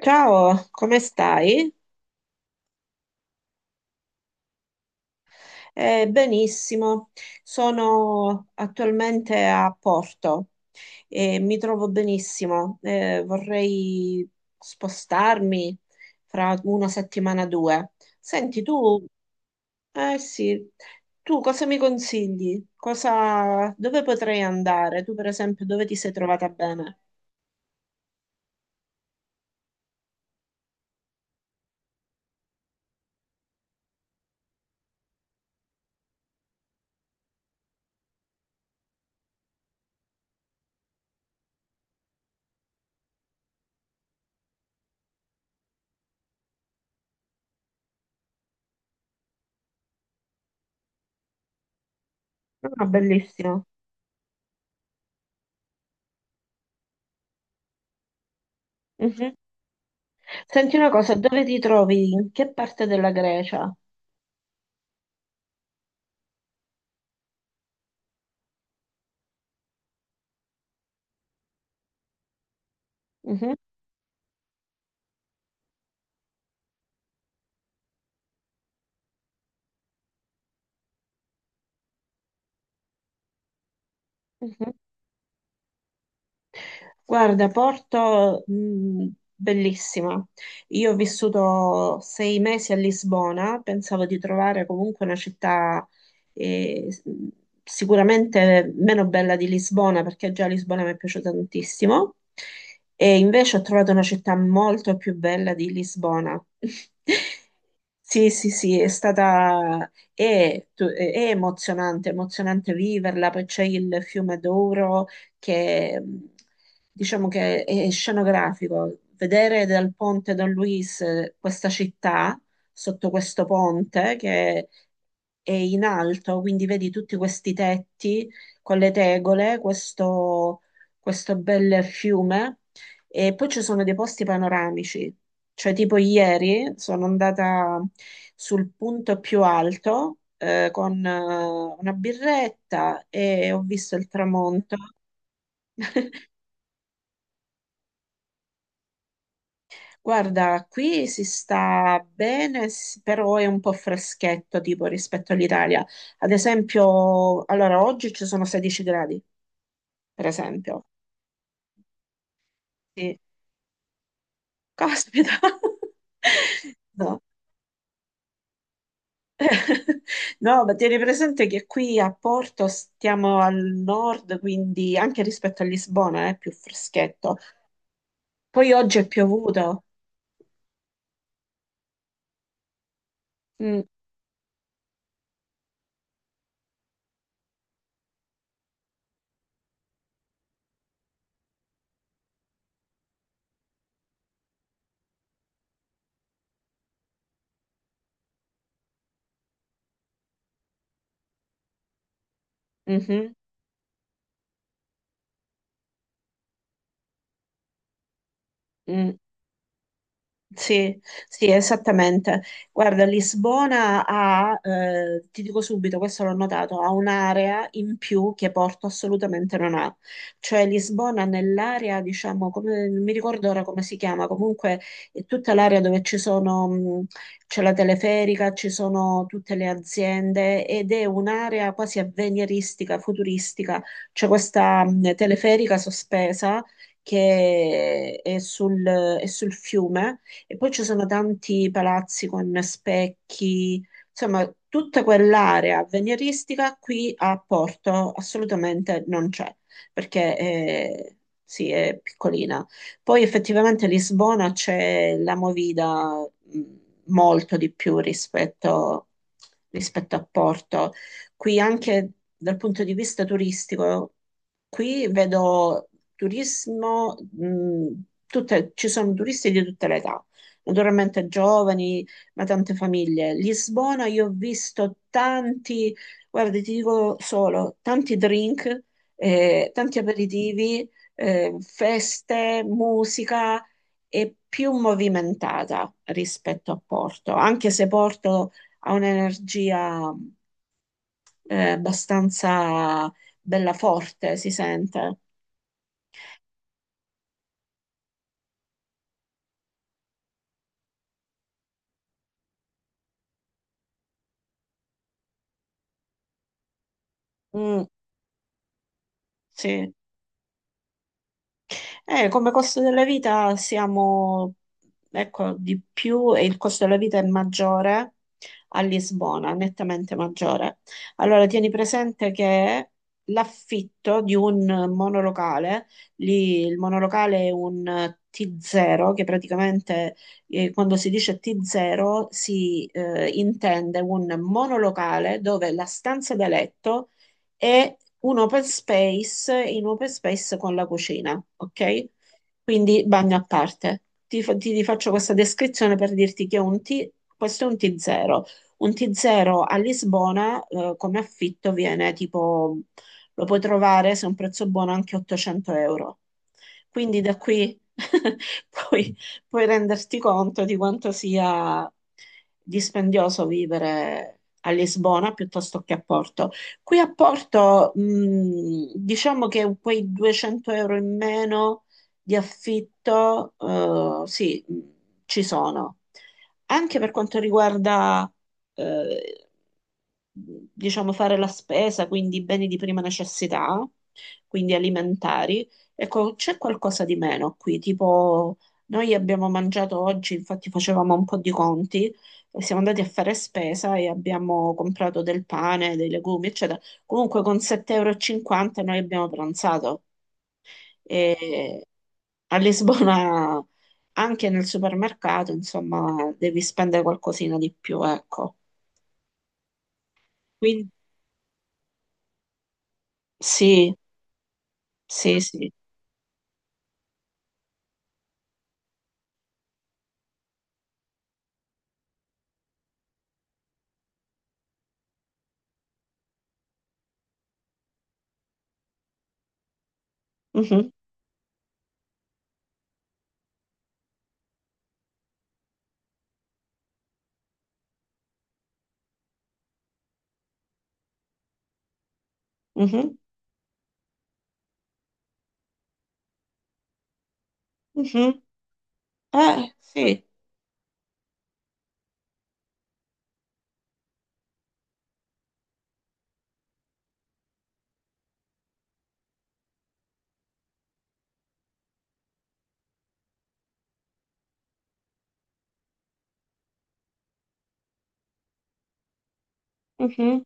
Ciao, come stai? Benissimo, sono attualmente a Porto e mi trovo benissimo. Vorrei spostarmi fra una settimana o due. Senti, tu, eh sì, tu cosa mi consigli? Cosa, dove potrei andare? Tu, per esempio, dove ti sei trovata bene? Ah, bellissimo. Mhm. Senti una cosa, dove ti trovi? In che parte della Grecia? Mhm, mhm. Guarda, Porto, bellissima. Io ho vissuto 6 mesi a Lisbona, pensavo di trovare comunque una città eh, s- sicuramente meno bella di Lisbona, perché già Lisbona mi è piaciuta tantissimo, e invece ho trovato una città molto più bella di Lisbona. Sì, sì, sì, è stata è, tu- è emozionante, emozionante viverla, poi c'è il fiume Douro che diciamo che è scenografico. Vedere dal ponte Don Luis questa città sotto questo ponte che è in alto, quindi vedi tutti questi tetti con le tegole, questo bel fiume. E poi ci sono dei posti panoramici, cioè tipo ieri sono andata sul punto più alto con una birretta e ho visto il tramonto. Guarda, qui si sta bene, però è un po' freschetto tipo rispetto all'Italia. Ad esempio, allora oggi ci sono 16 gradi, per esempio. Sì. Caspita! No. No, ma tieni presente che qui a Porto stiamo al nord, quindi anche rispetto a Lisbona è più freschetto. Poi oggi è piovuto. Mm, mhm, mm. Sì, sì, esattamente. Guarda, Lisbona ha, ti dico subito, questo l'ho notato, ha un'area in più che Porto assolutamente non ha. Cioè Lisbona nell'area, diciamo, come, non mi ricordo ora come si chiama, comunque è tutta l'area dove ci sono, c'è la teleferica, ci sono tutte le aziende ed è un'area quasi avveniristica, futuristica. C'è questa, teleferica sospesa che è sul fiume e poi ci sono tanti palazzi con specchi, insomma, tutta quell'area avveniristica qui a Porto assolutamente non c'è, perché sì, è piccolina. Poi effettivamente a Lisbona c'è la movida mh, molto di più rispetto a Porto. Qui anche dal punto di vista turistico, qui vedo turismo, ci sono turisti di tutte le età naturalmente giovani, ma tante famiglie. Lisbona, io ho visto tanti, guarda, ti dico solo, tanti drink, tanti aperitivi, feste, musica e più movimentata rispetto a Porto, anche se Porto ha un'energia, abbastanza bella forte, si sente. Mm. Sì. Come costo della vita siamo, ecco, di più e il costo della vita è maggiore a Lisbona, nettamente maggiore. Allora, tieni presente che l'affitto di un monolocale, lì il monolocale è un T0, che praticamente quando si dice T0 si intende un monolocale dove la stanza da letto e un open space in open space con la cucina, ok? Quindi bagno a parte. Ti, fa- ti ti faccio questa descrizione per dirti che è un T, questo è un T0. Un T0 a Lisbona, come affitto viene tipo, lo puoi trovare se è un prezzo buono anche 800 euro. Quindi da qui puoi, puoi renderti conto di quanto sia dispendioso vivere a Lisbona piuttosto che a Porto. Qui a Porto, diciamo che quei 200 euro in meno di affitto, sì, ci sono. Anche per quanto riguarda, eh, diciamo, fare la spesa, quindi beni di prima necessità, quindi alimentari, ecco, c'è qualcosa di meno qui, tipo noi abbiamo mangiato oggi, infatti facevamo un po' di conti, e siamo andati a fare spesa e abbiamo comprato del pane, dei legumi, eccetera. Comunque con 7,50 euro e cinquanta noi abbiamo pranzato. E a Lisbona, anche nel supermercato, insomma, devi spendere qualcosina di più, ecco. Quindi sì, sì, sì. Mhm, mhm, mhm. Sì. Mhm.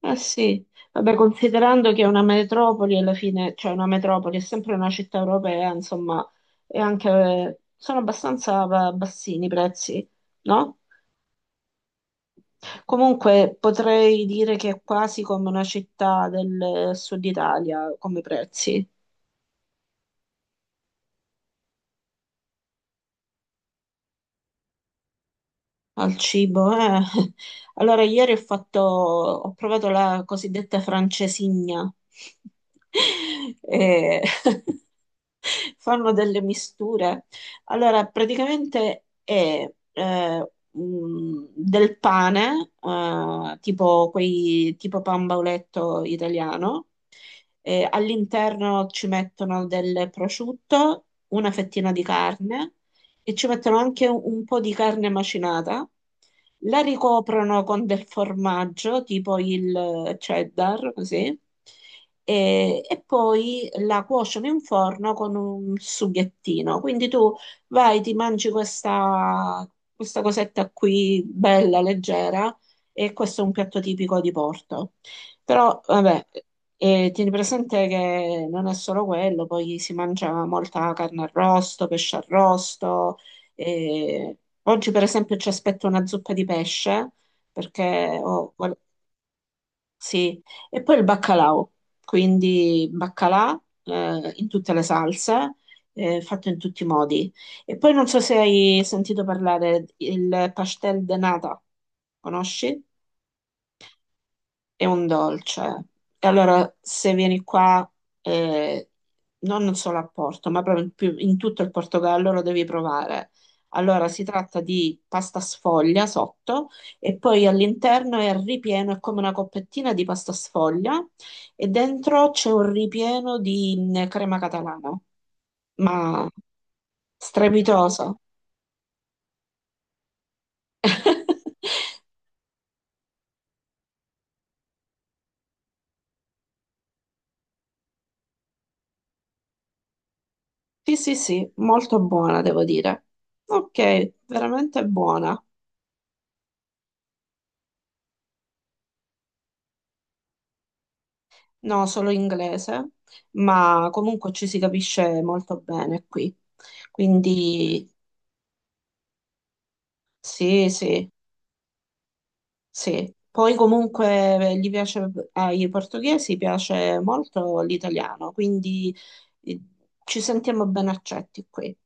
Eh sì, vabbè, considerando che è una metropoli alla fine, cioè una metropoli è sempre una città europea, insomma, e anche sono abbastanza bassini i prezzi, no? Comunque potrei dire che è quasi come una città del sud Italia come prezzi. Al cibo, eh. Allora, ieri ho provato la cosiddetta francesigna. E fanno delle misture. Allora, praticamente è del pane, tipo pan bauletto italiano. E all'interno ci mettono del prosciutto, una fettina di carne e ci mettono anche un po' di carne macinata, la ricoprono con del formaggio, tipo il cheddar, così, e poi la cuociono in forno con un sughettino. Quindi tu vai, ti mangi questa cosetta qui, bella, leggera, e questo è un piatto tipico di Porto. Però, vabbè, e tieni presente che non è solo quello, poi si mangia molta carne arrosto, pesce arrosto, e oggi, per esempio, ci aspetto una zuppa di pesce perché sì, e poi il baccalà, quindi baccalà in tutte le salse, fatto in tutti i modi. E poi non so se hai sentito parlare il pastel de nata, conosci? È un dolce. E allora se vieni qua, eh, non solo a Porto, ma proprio in tutto il Portogallo lo devi provare. Allora si tratta di pasta sfoglia sotto e poi all'interno è ripieno, è come una coppettina di pasta sfoglia e dentro c'è un ripieno di crema catalana, ma strepitosa. Sì, sì, sì, molto buona, devo dire. Ok, veramente buona. No, solo inglese, ma comunque ci si capisce molto bene qui. Quindi sì, sì, sì. Poi comunque gli piace, ai portoghesi piace molto l'italiano, quindi eh, ci sentiamo ben accetti qui.